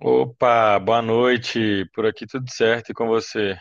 Opa, boa noite. Por aqui tudo certo e com você?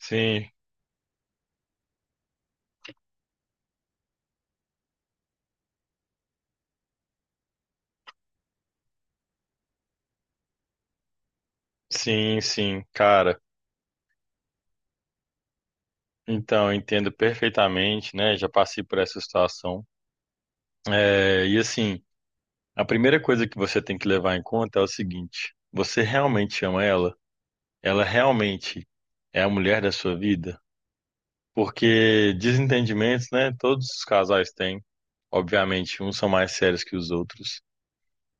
Sim, sim, sim, cara. Então, eu entendo perfeitamente, né? Já passei por essa situação. E assim, a primeira coisa que você tem que levar em conta é o seguinte: você realmente ama ela? Ela realmente é a mulher da sua vida? Porque desentendimentos, né? Todos os casais têm. Obviamente, uns são mais sérios que os outros.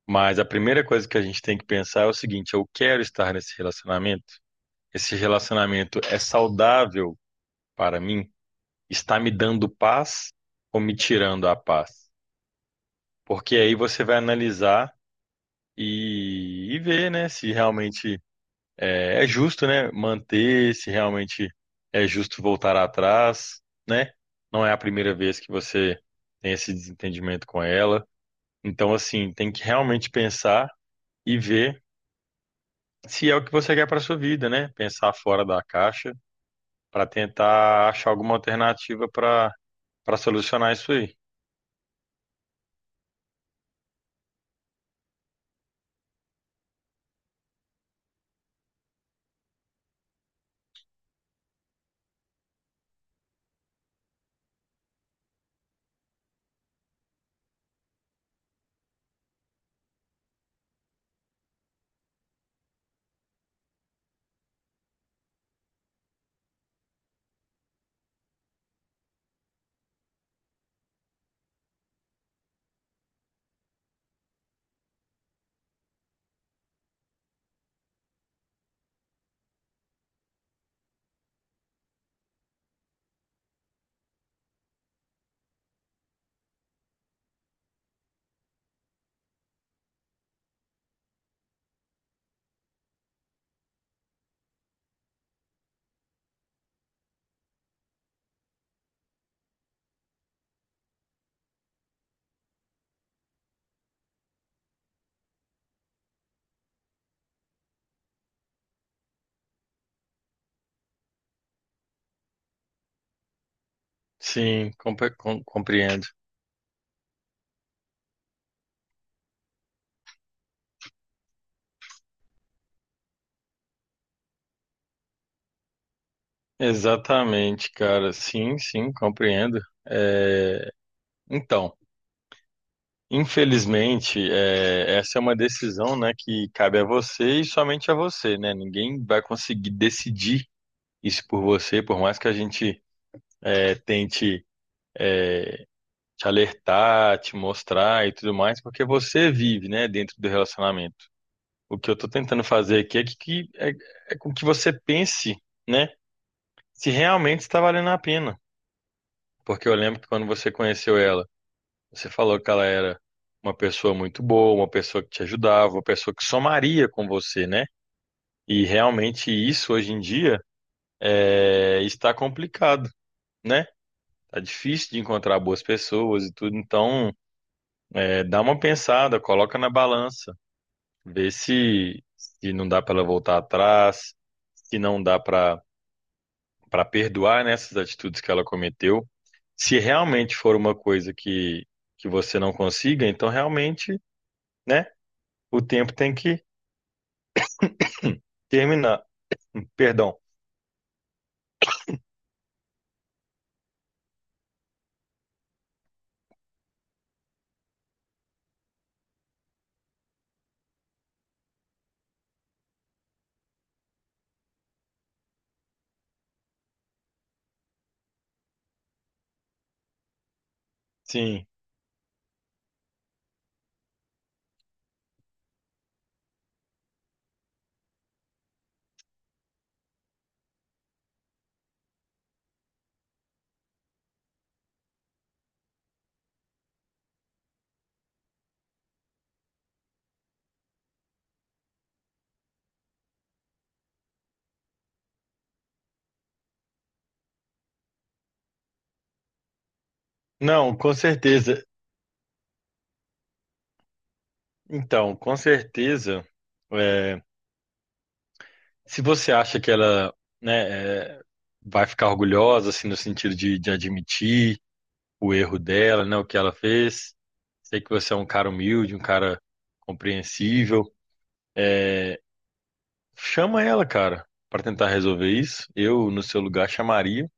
Mas a primeira coisa que a gente tem que pensar é o seguinte: eu quero estar nesse relacionamento? Esse relacionamento é saudável para mim? Está me dando paz ou me tirando a paz? Porque aí você vai analisar e ver, né, se realmente é justo, né, manter, se realmente é justo voltar atrás, né? Não é a primeira vez que você tem esse desentendimento com ela. Então, assim, tem que realmente pensar e ver se é o que você quer para sua vida, né? Pensar fora da caixa para tentar achar alguma alternativa para solucionar isso aí. Compreendo. Exatamente, cara. Sim, sim, compreendo. É, Então, infelizmente, essa é uma decisão, né, que cabe a você e somente a você, né? Ninguém vai conseguir decidir isso por você, por mais que a gente tente te alertar, te mostrar e tudo mais, porque você vive, né, dentro do relacionamento. O que eu tô tentando fazer aqui é com que você pense, né? Se realmente está valendo a pena. Porque eu lembro que quando você conheceu ela, você falou que ela era uma pessoa muito boa, uma pessoa que te ajudava, uma pessoa que somaria com você, né? E realmente isso hoje em dia está complicado, né? Tá difícil de encontrar boas pessoas e tudo, então dá uma pensada, coloca na balança, vê se, se não dá para ela voltar atrás, se não dá para perdoar nessas atitudes que ela cometeu. Se realmente for uma coisa que você não consiga, então realmente, né, o tempo tem que terminar. Perdão. Sim. Não, com certeza. Então, com certeza, é, se você acha que ela, né, vai ficar orgulhosa, assim, no sentido de admitir o erro dela, né, o que ela fez, sei que você é um cara humilde, um cara compreensível. Chama ela, cara, pra tentar resolver isso. Eu, no seu lugar, chamaria,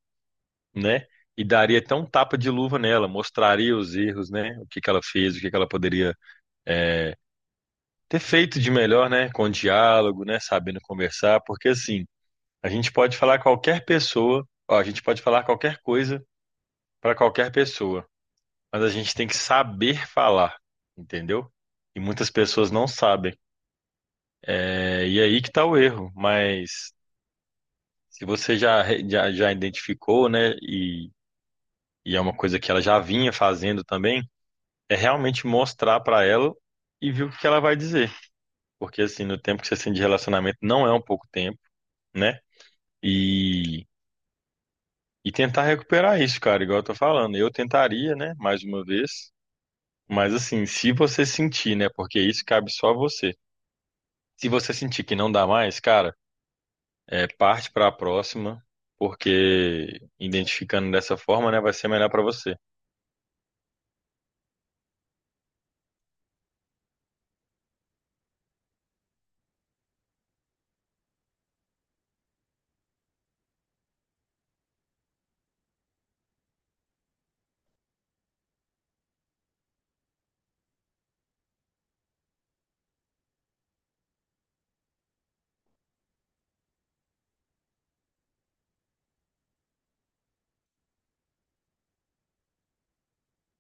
né? E daria até um tapa de luva nela, mostraria os erros, né? O que que ela fez, o que que ela poderia é, ter feito de melhor, né? Com diálogo, né? Sabendo conversar, porque assim, a gente pode falar qualquer pessoa, ó, a gente pode falar qualquer coisa para qualquer pessoa, mas a gente tem que saber falar, entendeu? E muitas pessoas não sabem. É, e aí que tá o erro, mas se você já identificou, né, e é uma coisa que ela já vinha fazendo também, é realmente mostrar para ela e ver o que ela vai dizer. Porque, assim, no tempo que você tem de relacionamento não é um pouco tempo, né? E, e tentar recuperar isso, cara, igual eu tô falando. Eu tentaria, né, mais uma vez, mas, assim, se você sentir, né, porque isso cabe só a você. Se você sentir que não dá mais, cara, parte para a próxima, porque identificando dessa forma, né, vai ser melhor para você.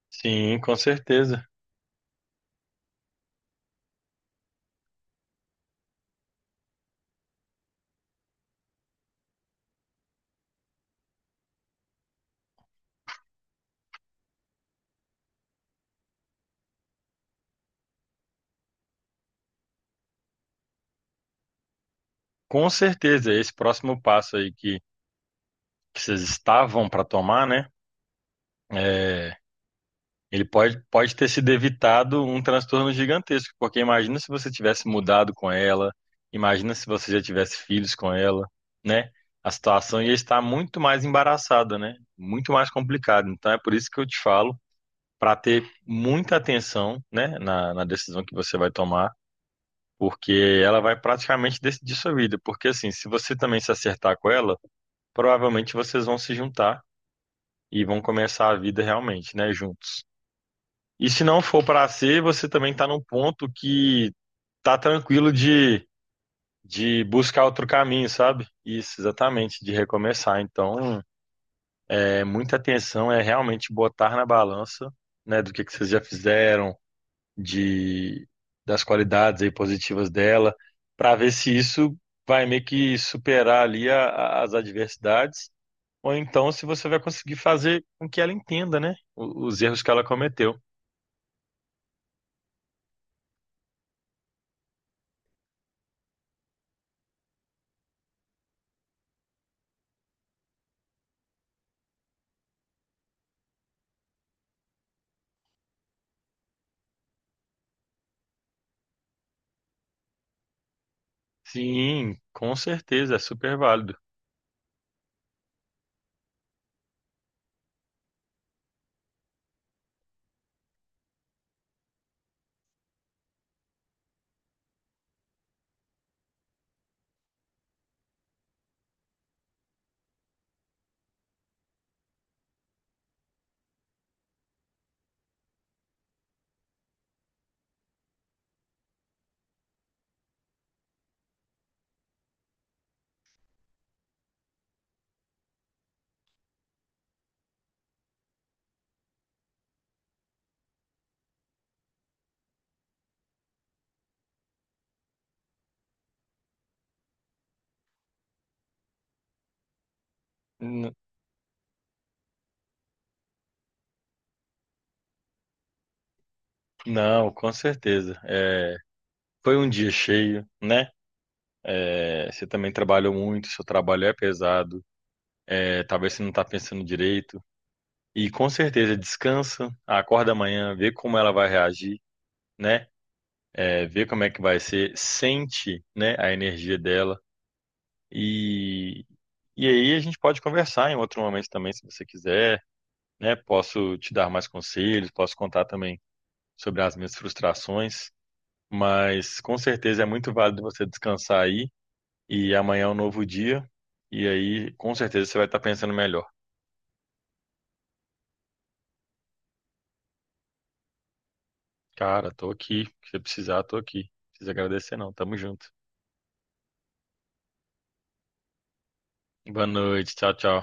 Sim, com certeza. Com certeza, esse próximo passo aí que vocês estavam para tomar, né? é, Ele pode ter sido evitado um transtorno gigantesco, porque imagina se você tivesse mudado com ela, imagina se você já tivesse filhos com ela, né? A situação ia estar muito mais embaraçada, né? Muito mais complicada. Então é por isso que eu te falo para ter muita atenção, né, na, na decisão que você vai tomar porque ela vai praticamente decidir sua vida. Porque assim, se você também se acertar com ela, provavelmente vocês vão se juntar e vão começar a vida realmente, né, juntos. E se não for para ser, você também tá num ponto que tá tranquilo de buscar outro caminho, sabe? Isso, exatamente, de recomeçar. Então, é muita atenção, é realmente botar na balança, né, do que vocês já fizeram de das qualidades aí positivas dela, para ver se isso vai meio que superar ali as adversidades, ou então se você vai conseguir fazer com que ela entenda, né, os erros que ela cometeu. Sim, com certeza, é super válido. N- Não, com certeza. É, foi um dia cheio, né? É, você também trabalhou muito, seu trabalho é pesado, talvez você não está pensando direito. E com certeza descansa, acorda amanhã, vê como ela vai reagir, né? é, ver como é que vai ser, sente, né, a energia dela e e aí a gente pode conversar em outro momento também, se você quiser, né? Posso te dar mais conselhos, posso contar também sobre as minhas frustrações, mas com certeza é muito válido você descansar aí e amanhã é um novo dia e aí com certeza você vai estar pensando melhor. Cara, tô aqui, se você precisar, tô aqui. Não precisa agradecer não, tamo junto. Boa noite, tchau, tchau.